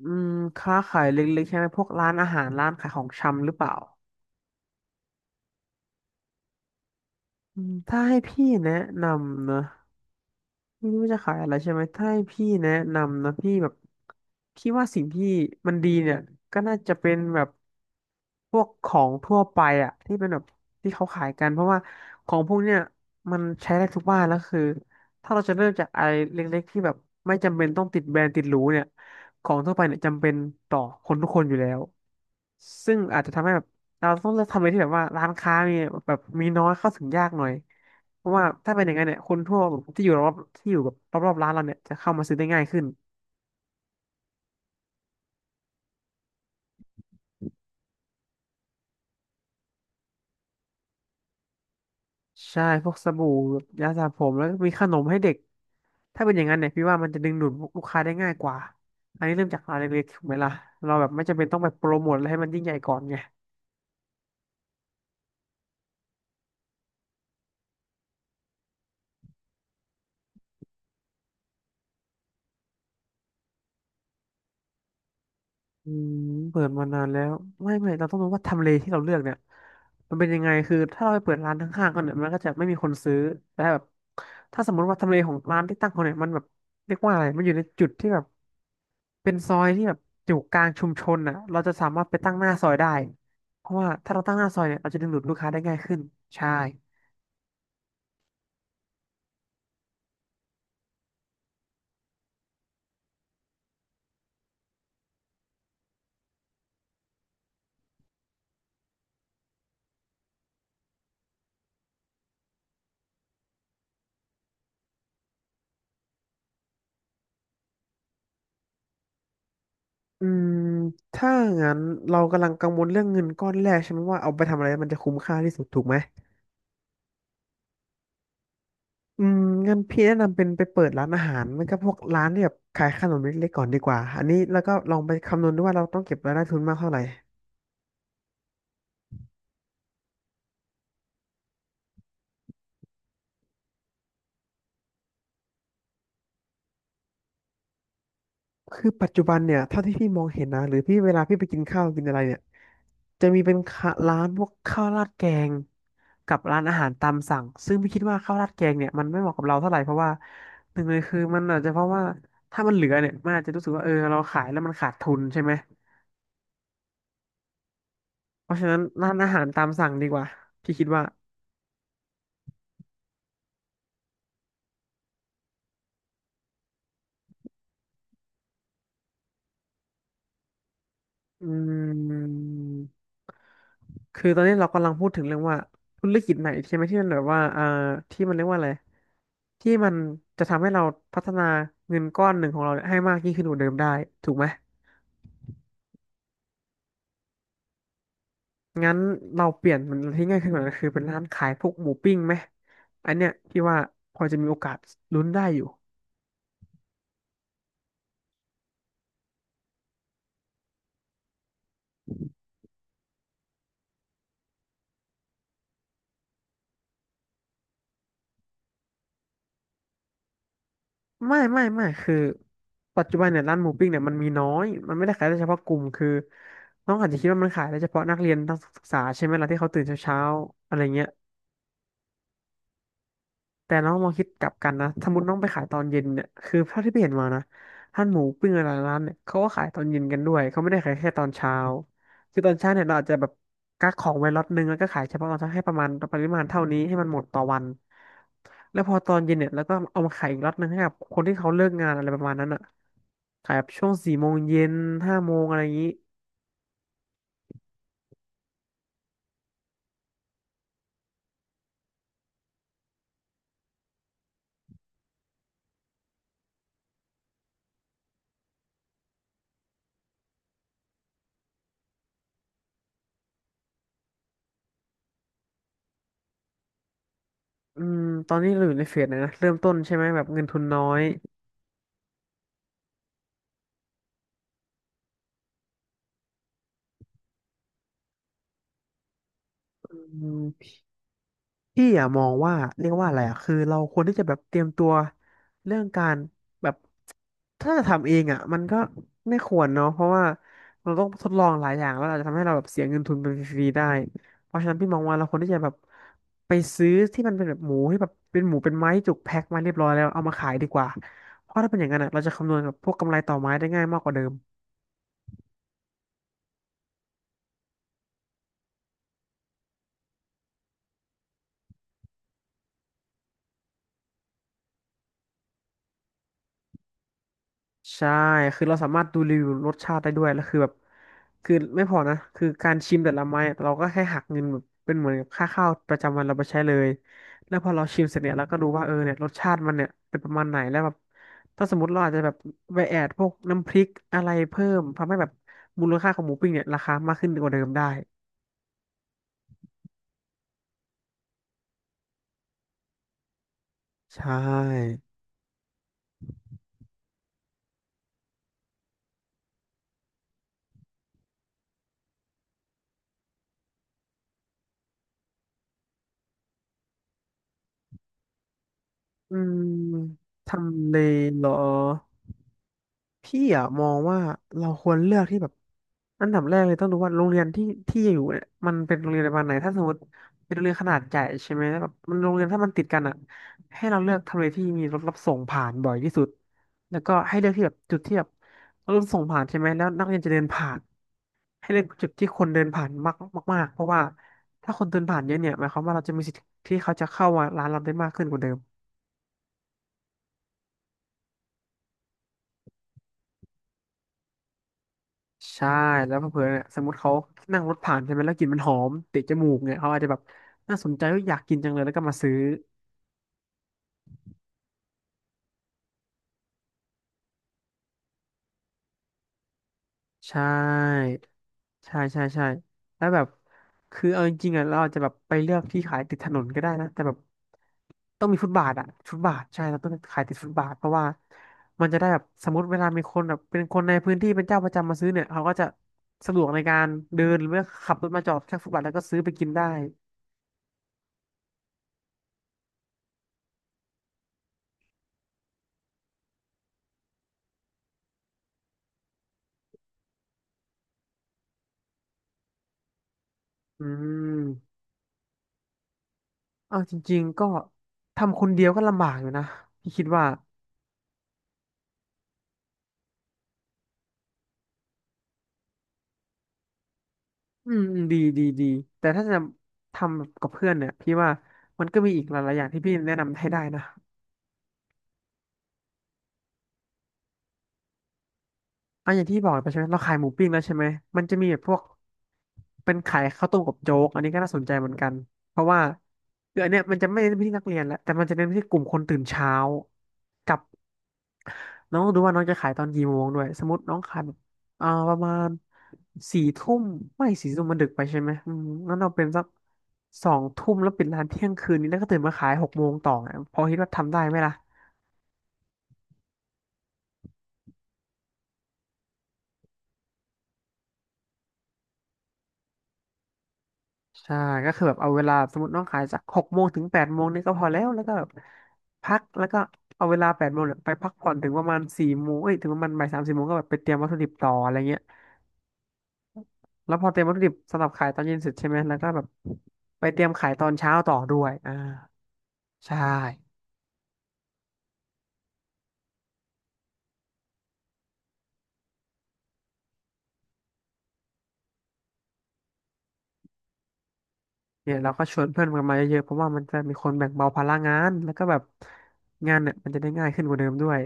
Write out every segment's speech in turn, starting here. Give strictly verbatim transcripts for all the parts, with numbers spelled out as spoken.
อืมค้าขายเล็กๆใช่ไหมพวกร้านอาหารร้านขายของชำหรือเปล่าอืมถ้าให้พี่แนะนำนะ ไม่รู้จะขายอะไรใช่ไหมถ้าให้พี่แนะนำนะพี่แบบพี่ว่าสิ่งที่มันดีเนี่ยก็น่าจะเป็นแบบพวกของทั่วไปอะที่เป็นแบบที่เขาขายกันเพราะว่าของพวกเนี่ยมันใช้ได้ทุกบ้านแล้วคือถ้าเราจะเริ่มจากอะไรเล็กๆที่แบบไม่จำเป็นต้องติดแบรนด์ติดหรูเนี่ยของทั่วไปเนี่ยจำเป็นต่อคนทุกคนอยู่แล้วซึ่งอาจจะทำให้แบบเราต้องเลือกทำอะไรที่แบบว่าร้านค้ามีแบบมีน้อยเข้าถึงยากหน่อย เพราะว่าถ้าเป็นอย่างนั้นเนี่ยคนทั่วที่อยู่รอบที่อยู่แบบรอบๆร้านเราเนี่ยจะเข้ามาซื้อได้ง่ายขึ้นใช่พวกสบู่ยาสระผมแล้วก็มีขนมให้เด็กถ้าเป็นอย่างนั้นเนี่ยพี่ว่ามันจะดึงดูดลูกค้าได้ง่ายกว่าอันนี้เริ่มจากร้านเล็กๆถูกไหมล่ะเราแบบไม่จำเป็นต้องไปโปรโมทอะไรให้มันยิ่งใหญ่ก่อนไงอืมเปิดมานานแล้วไม่ไม่เราต้องรู้ว่าทำเลที่เราเลือกเนี่ยมันเป็นยังไงคือถ้าเราไปเปิดร้านข้างๆกันเนี่ยมันก็จะไม่มีคนซื้อแต่แบบถ้าสมมติว่าทำเลของร้านที่ตั้งเขาเนี่ยมันแบบเรียกว่าอะไรมันอยู่ในจุดที่แบบ เป็นซอยที่แบบอยู่กลางชุมชนอ่ะเราจะสามารถไปตั้งหน้าซอยได้ เพราะว่าถ้าเราตั้งหน้าซอยเนี่ยเราจะดึงดูดลูกค้าได้ง่ายขึ้น ใช่อืมถ้างั้นเรากำลังกังวลเรื่องเงินก้อนแรกใช่ไหมว่าเอาไปทำอะไรมันจะคุ้มค่าที่สุดถูกไหมอืมงั้นพี่แนะนำเป็นไปเปิดร้านอาหารมันก็พวกร้านที่แบบขายขนมเล็กๆก่อนดีกว่าอันนี้แล้วก็ลองไปคำนวณดูว่าเราต้องเก็บรายได้ทุนมากเท่าไหร่ คือปัจจุบันเนี่ยเท่าที่พี่มองเห็นนะหรือพี่เวลาพี่ไปกินข้าวกินอะไรเนี่ยจะมีเป็นข้าร้านพวกข้าวราดแกงกับร้านอาหารตามสั่งซึ่งพี่คิดว่าข้าวราดแกงเนี่ยมันไม่เหมาะกับเราเท่าไหร่เพราะว่าหนึ่งเลยคือมันอาจจะเพราะว่าถ้ามันเหลือเนี่ยมันอาจจะรู้สึกว่าเออเราขายแล้วมันขาดทุนใช่ไหมเพราะฉะนั้นร้านอาหารตามสั่งดีกว่าพี่คิดว่าอืม คือตอนนี้เรากำลังพูดถึงเรื่องว่าธุรกิจไหนใช่ไหมที่มันแบบว่าอ่าที่มันเรียกว่าอะไรที่มันจะทำให้เราพัฒนาเงินก้อนหนึ่งของเราเนี่ยให้มากยิ่งขึ้นกว่าเดิมได้ถูกไหมงั้นเราเปลี่ยนมันที่ง่ายขึ้นกว่านั้นคือเป็นร้านขายพวกหมูปิ้งไหมอันเนี้ยพี่ว่าพอจะมีโอกาสลุ้นได้อยู่ไม่ไม่ไม่คือปัจจุบันเนี่ยร้านหมูปิ้งเนี่ยมันมีน้อยมันไม่ได้ขายได้เฉพาะกลุ่มคือน้องอาจจะคิดว่ามันขายได้เฉพาะนักเรียนนักศึกษาใช่ไหมล่ะที่เขาตื่นเช้าๆอะไรเงี้ย แต่น้องมองคิดกลับกันนะสมมติน้องไปขายตอนเย็นเนี่ยคือเท่าที่ไปเห็นมานะร้านหมูปิ้งอะไรร้านเนี่ยเขาก็ขายตอนเย็นกันด้วยเขาไม่ได้ขายแค่ตอนเช้าคือตอนเช้าเนี่ยเราอาจจะแบบกักของไว้ล็อตนึงแล้วก็ขายเฉพาะตอนเช้าให้ประมาณปริมาณเท่านี้ให้มันหมดต่อวันแล้วพอตอนเย็นเนี่ยแล้วก็เอามาขายอีกล็อตนึงให้กับคนที่เขาเลิกงานอะไรประมาณนั้นอ่ะขายแบบช่วงสี่โมงเย็นห้าโมงอะไรอย่างนี้อืมตอนนี้เราอยู่ในเฟสไหนนะเริ่มต้นใช่ไหมแบบเงินทุนน้อยอืม พี่อะมองว่าเรียกว่าอะไรอะคือเราควรที่จะแบบเตรียมตัวเรื่องการแบบถ้าจะทำเองอะมันก็ไม่ควรเนาะเพราะว่าเราต้องทดลองหลายอย่างแล้วอาจจะทำให้เราแบบเสียเงินทุนไปฟรีๆได้เพราะฉะนั้นพี่มองว่าเราควรที่จะแบบไปซื้อที่มันเป็นแบบหมูที่แบบเป็นหมูเป็นไม้จุกแพ็คมาเรียบร้อยแล้วเอามาขายดีกว่าเพราะถ้าเป็นอย่างนั้นอะเราจะคำนวณกับพวกกำไรต่อไม้ได้ง่ายมากกว่าเดิม ใช่คือเราสามารถดูรีวิวรสชาติได้ด้วยแล้วคือแบบคือไม่พอนะคือการชิมแต่ละไม้อะเราก็แค่หักเงินแบบเป็นเหมือนกับค่าข้าวประจำวันเราไปใช้เลยแล้วพอเราชิมเสร็จเนี่ยเราก็รู้ว่าเออเนี่ยรสชาติมันเนี่ยเป็นประมาณไหนแล้วแบบถ้าสมมติเราอาจจะแบบไปแอดพวกน้ำพริกอะไรเพิ่มทำให้แบบมูลค่าของหมูปิ้งเนี่ยราคามากขึ้นกว่าเดิมได้ใช่อืมทำเลเหรอ พี่อะมองว่าเราควรเลือกที่แบบอันดับแรกเลยต้องดูว่าโรงเรียนที่ที่อยู่เนี่ยมันเป็นโรงเรียนประมาณไหนถ้าสมมติเป็นโรงเรียนขนาดใหญ่ใช่ไหมแบบมันโรงเรียนถ้ามันติดกันอะให้เราเลือกทำเลที่มีรถรับส่งผ่านบ่อยที่สุดแล้วก็ให้เลือกที่แบบจุดที่แบบรถรับส่งผ่านใช่ไหมแล้วนักเรียนจะเดินผ่านให้เลือกจุดที่คนเดินผ่านมากมากๆเพราะว่าถ้าคนเดินผ่านเยอะเนี่ยหมายความว่าเราจะมีสิทธิ์ที่เขาจะเข้ามาร้านเราได้มากขึ้นกว่าเดิม ใช่แล้วเผื่อๆเนี่ยสมมติเขานั่งรถผ่านใช่ไหมแล้วกลิ่นมันหอมติดจมูกเนี่ยเขาอาจจะแบบน่าสนใจว่าอยากกินจังเลยแล้วก็มาซื้อใช่ใช่ใช่ใช่แล้วแบบคือเอาจริงๆอ่ะเราอาจจะแบบไปเลือกที่ขายติดถนนก็ได้นะแต่แบบต้องมีฟุตบาทอ่ะฟุตบาทใช่เราต้องขายติดฟุตบาทเพราะว่ามันจะได้แบบสมมติเวลามีคนแบบเป็นคนในพื้นที่เป็นเจ้าประจำมาซื้อเนี่ยเขาก็จะสะดวกในการเดินหรือว่าขับรถมาจอดข้างฟุตบาทแล้วก็ซื้อไปกินได้อืม เอาจริงๆก็ทำคนเดียวก็ลำบากอยู่นะพี่คิดว่าอืมอืมดีดีดีแต่ถ้าจะทำกับเพื่อนเนี่ยพี่ว่ามันก็มีอีกหลายๆอย่างที่พี่แนะนำให้ได้นะอ่ะอย่างที่บอกไปใช่ไหมเราขายหมูปิ้งแล้วใช่ไหมมันจะมีแบบพวกเป็นขายข้าวต้มกับโจ๊กอันนี้ก็น่าสนใจเหมือนกันเพราะว่าคืออันเนี้ยมันจะไม่เน้นไปที่นักเรียนละแต่มันจะเน้นไปที่กลุ่มคนตื่นเช้ากับ น้องต้องดูว่าน้องจะขายตอนกี่โมงด้วยสมมติน้องขายแบบอ่าประมาณสี่ทุ่มไม่สี่ทุ่มมันดึกไปใช่ไหมอืมงั้นเราเป็นสักสองทุ่มแล้วปิดร้านเที่ยงคืนนี้แล้วก็ตื่นมาขายหกโมงต่อไงพอคิดว่าทำได้ไหมล่ะใช่ก็คือแบบเอาเวลาสมมติน้องขายจากหกโมงถึงแปดโมงนี่ก็พอแล้วแล้วก็แบบพักแล้วก็เอาเวลาแปดโมงเนี่ยไปพักผ่อนถึงประมาณสี่โมงเอ้ยถึงประมาณบ่ายสามสี่โมงก็แบบไปเตรียมวัตถุดิบต่ออะไรเงี้ยแล้วพอเตรียมวัตถุดิบสำหรับขายตอนเย็นเสร็จใช่ไหมแล้วก็แบบไปเตรียมขายตอนเช้าต่อด้วยอ่า ใช่เนี่ยเราก็ชวนเพื่อนกันมาเยอะๆเพราะว่ามันจะมีคนแบ่งเบาภาระงานแล้วก็แบบงานเนี่ยมันจะได้ง่ายขึ้นกว่าเดิมด้วย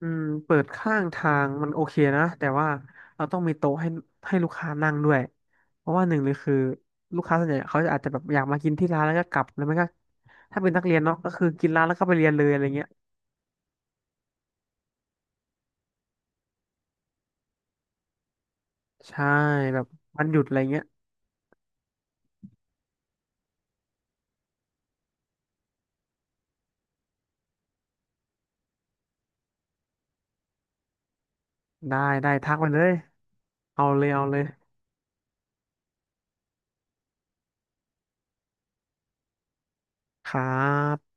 อืมเปิดข้างทางมันโอเคนะแต่ว่าเราต้องมีโต๊ะให้ให้ลูกค้านั่งด้วยเพราะว่าหนึ่งเลยคือลูกค้าส่วนใหญ่เขาอาจจะแบบอยากมากินที่ร้านแล้วก็กลับแล้วไม่ก็ถ้าเป็นนักเรียนเนาะก็คือกินร้านแล้วก็ไปเรียนเลยอะไรเงี้ยใช่แบบวันหยุดอะไรเงี้ยได้ได้ทักไปเลยเอาเลยเอาเลยครับ